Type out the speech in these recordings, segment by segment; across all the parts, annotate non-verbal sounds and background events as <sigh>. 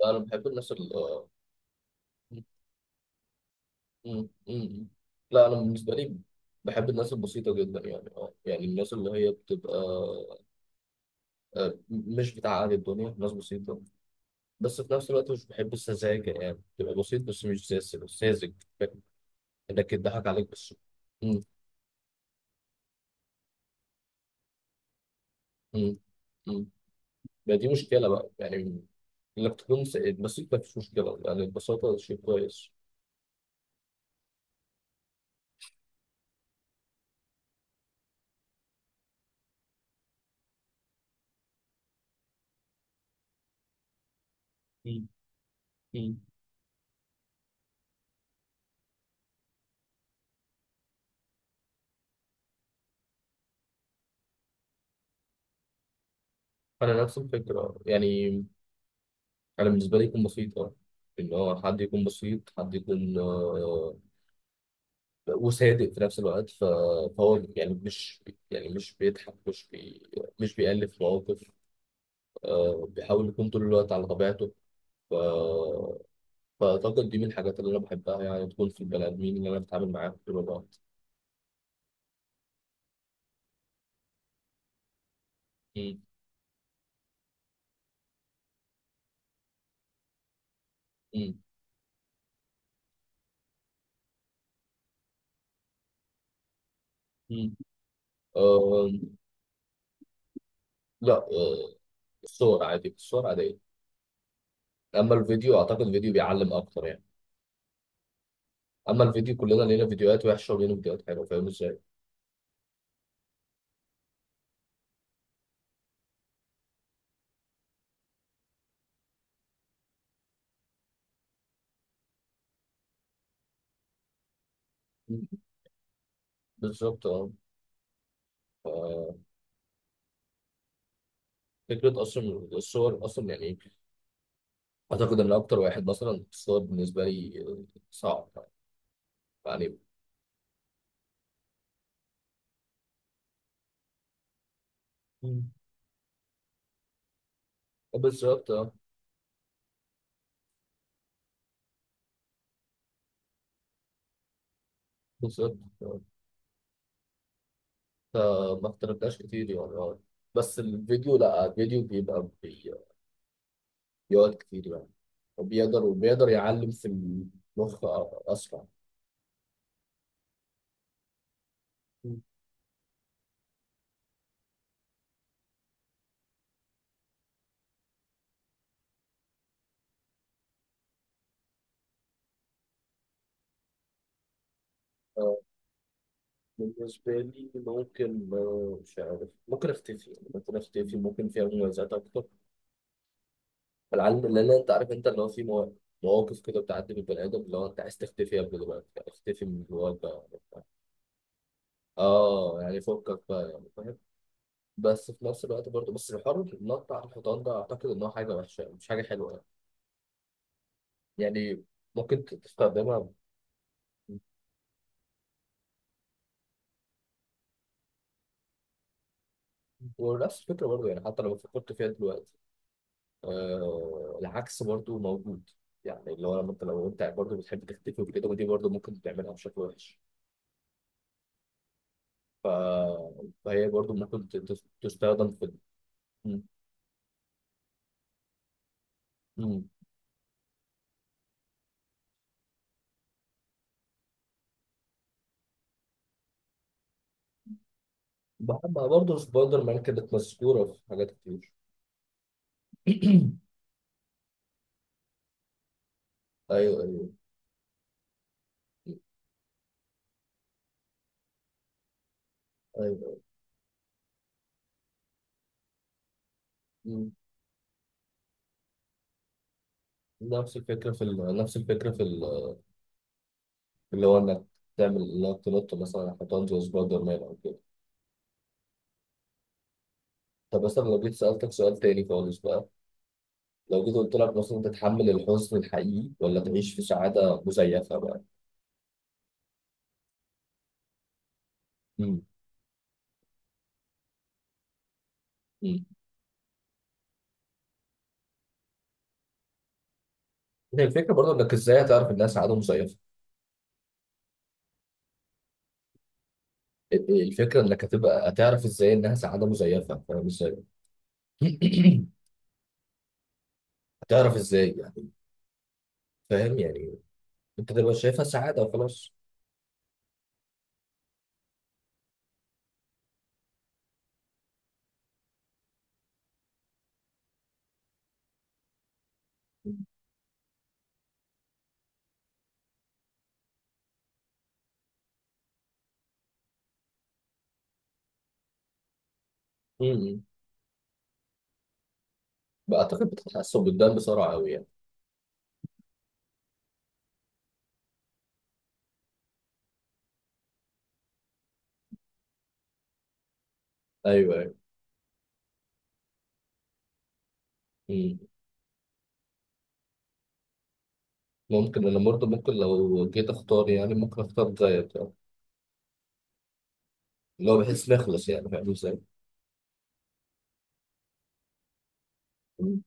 لا، انا بحب الناس ال آه، م- م- م- لا، انا بالنسبه لي بحب الناس البسيطه جدا، يعني الناس اللي هي بتبقى مش بتاع اهل الدنيا، ناس بسيطه. بس في نفس الوقت مش بحب السذاجه، يعني تبقى بسيط بس مش ساذج ساذج. فاهم؟ انك يضحك عليك بس. م- م- م. ما دي مشكله بقى يعني، انك تكون بسيط ما فيش مشكله، يعني البساطه شيء كويس. م- م. انا نفس الفكره يعني. انا بالنسبه لي يكون بسيط، اه، ان هو حد يكون بسيط، حد يكون وصادق في نفس الوقت. فهو يعني مش مش بيألف مواقف. آه، بيحاول يكون طول الوقت على طبيعته. ف- فأعتقد دي من الحاجات اللي أنا بحبها، يعني تكون في البني آدمين اللي أنا بتعامل معاهم طول الوقت. مم. مم. مم. آه، لا، آه، الصور عادي، الصور عادية. أما الفيديو أعتقد الفيديو بيعلم أكتر يعني. أما الفيديو كلنا لينا فيديوهات وحشة ولينا فيديوهات حلوة. فاهم إزاي؟ بالظبط اه. ف- فكرة أصلا الصور أصلا يعني، أعتقد إن أكتر واحد مثلا الصور بالنسبة لي، آه، صعب يعني. مم. بالظبط اه. بالظبط آه. فما اختلفناش كتير يعني آه. بس الفيديو، لا، الفيديو بيقعد كتير يعني، وبيقدر يعلم في المخ آه أسرع. مم. آه، بالنسبة لي ممكن، آه، مش عارف، ممكن أختفي، ممكن فيها مميزات أكتر. العلم اللي انت عارف، انت اللي هو في مواقف كده بتعدي بالبني ادم، اللي هو انت عايز تختفي، يا ابني دلوقتي يعني اختفي من جواك بقى وبتاع. اه يعني فكك بقى يعني، فاهم. بس في نفس الوقت برضه، بس الحر النط بتاع الحيطان ده اعتقد ان هو حاجه وحشه مش حاجه حلوه يعني. يعني ممكن تستخدمها. ونفس الفكره برضه يعني، حتى لو فكرت فيها دلوقتي آه العكس برضه موجود. يعني اللي هو لما انت، لو انت برضه بتحب تختفي وكده، ودي برضه ممكن تعملها بشكل وحش. ف... فهي برضه ممكن تستخدم في. مم. بحب برضه سبايدر مان، كانت مذكورة في حاجات كتير. <clears throat> ايوه، ايوه. مم. نفس الفكرة في اللي هو انك تعمل انك تنط مثلا حيطان زي سبايدر مان او كده. طب مثلا لو جيت سألتك سؤال تاني خالص بقى، لو جيت قلت لك مثلا، تتحمل الحزن الحقيقي ولا تعيش في سعادة مزيفة بقى؟ مم. مم. هي الفكرة برضه انك ازاي هتعرف انها سعادة مزيفة. الفكرة انك هتبقى هتعرف ازاي انها سعادة مزيفة، فاهم ازاي؟ <clears throat> هتعرف ازاي، فاهم يعني. انت تبقى شايفها سعاده وخلاص. امم، بعتقد بتتحسن قدام بسرعه قوي يعني. ايوه، ايوه. مم. ممكن انا برضه، ممكن لو جيت اختار يعني ممكن اختار زيك يعني، اللي هو بحس نخلص يعني، فاهم ازاي. مم.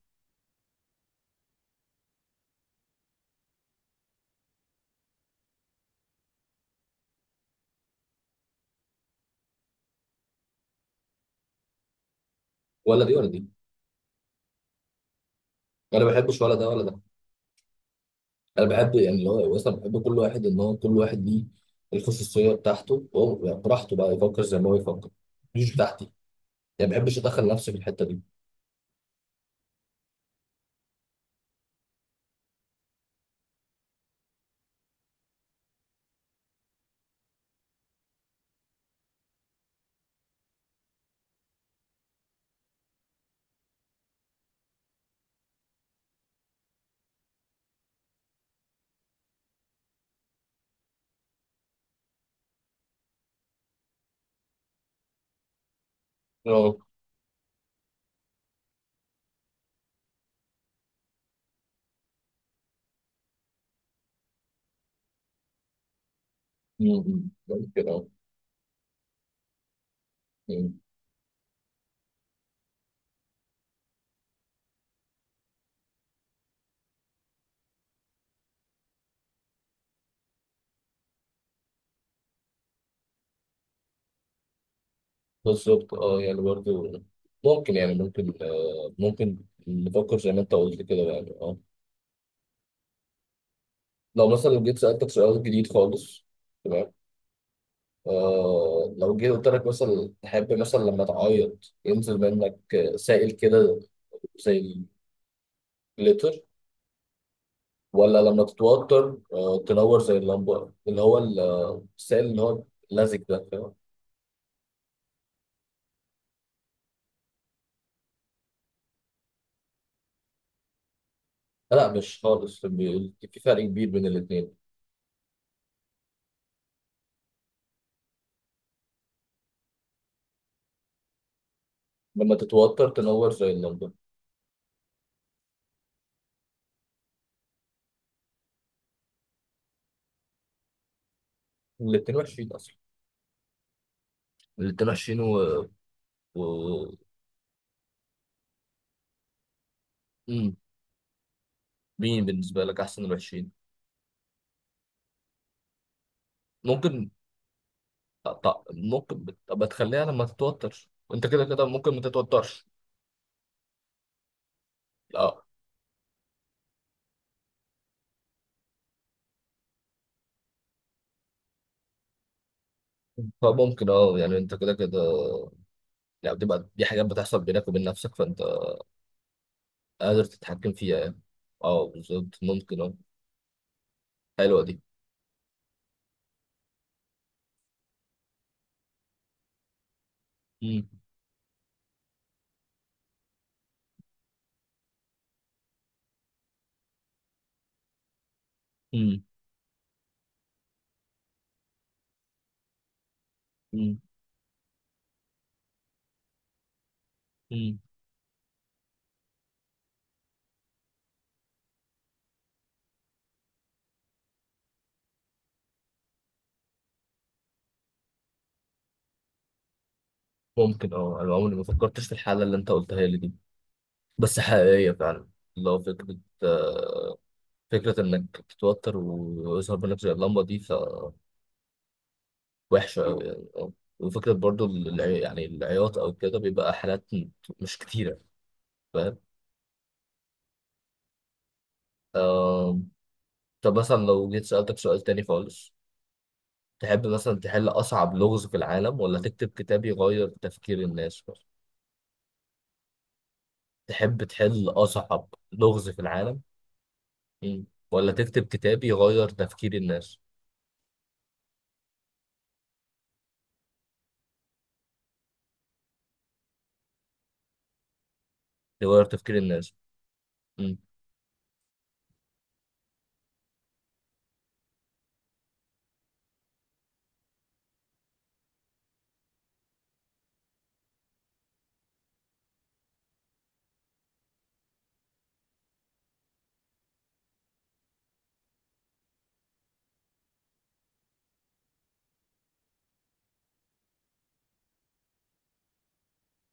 ولا دي ولا دي، انا ما بحبش ولا ده ولا ده. انا بحب يعني اللي هو اصلا بحب كل واحد ان هو كل واحد ليه الخصوصيه بتاعته هو، يعني براحته بقى يفكر زي ما هو يفكر، مش بتاعتي. يعني ما بحبش ادخل نفسي في الحته دي. اه. مم. ممكن اه. بالظبط اه، يعني برضه ممكن، ممكن نفكر زي ما انت قلت كده، يعني اه. لو مثلا جيت سألتك سؤال جديد خالص. تمام. آه، لو جيت قلت لك مثلا، تحب مثلا لما تعيط ينزل منك، آه، سائل كده زي الجليتر، ولا لما تتوتر آه تنور زي اللمبة، اللي هو السائل اللي هو لزج ده، فاهم. لا مش خالص، في فرق كبير بين الاتنين. لما تتوتر تنور زي اللمبة. الاتنين وحشين أصلا. اللي قدام 20، و... مم. مين بالنسبة لك أحسن من 20؟ ممكن، أبقى تخليها لما تتوتر، وأنت كده كده ممكن ما تتوترش. لا. فممكن اه، يعني أنت كده كده يعني بتبقى دي حاجات بتحصل بينك وبين نفسك، فأنت قادر تتحكم فيها يعني. اه بالظبط ممكن اه. حلوة دي. مم. مم. مم. مم. ممكن اه، أنا عمري ما فكرتش في الحالة اللي أنت قلتها لي دي، بس حقيقية فعلا. لو فكرة، آه، فكرة إنك تتوتر ويظهر منك زي اللمبة دي، فوحشة أوي يعني أه. وفكرة برضو يعني العياط أو كده بيبقى حالات مش كتيرة، فاهم؟ آه. طب مثلا لو جيت سألتك سؤال تاني خالص، تحب مثلا تحل أصعب لغز في العالم ولا تكتب كتاب يغير تفكير الناس؟ تحب تحل أصعب لغز في العالم، مم، ولا تكتب كتاب يغير تفكير الناس؟ يغير تفكير الناس؟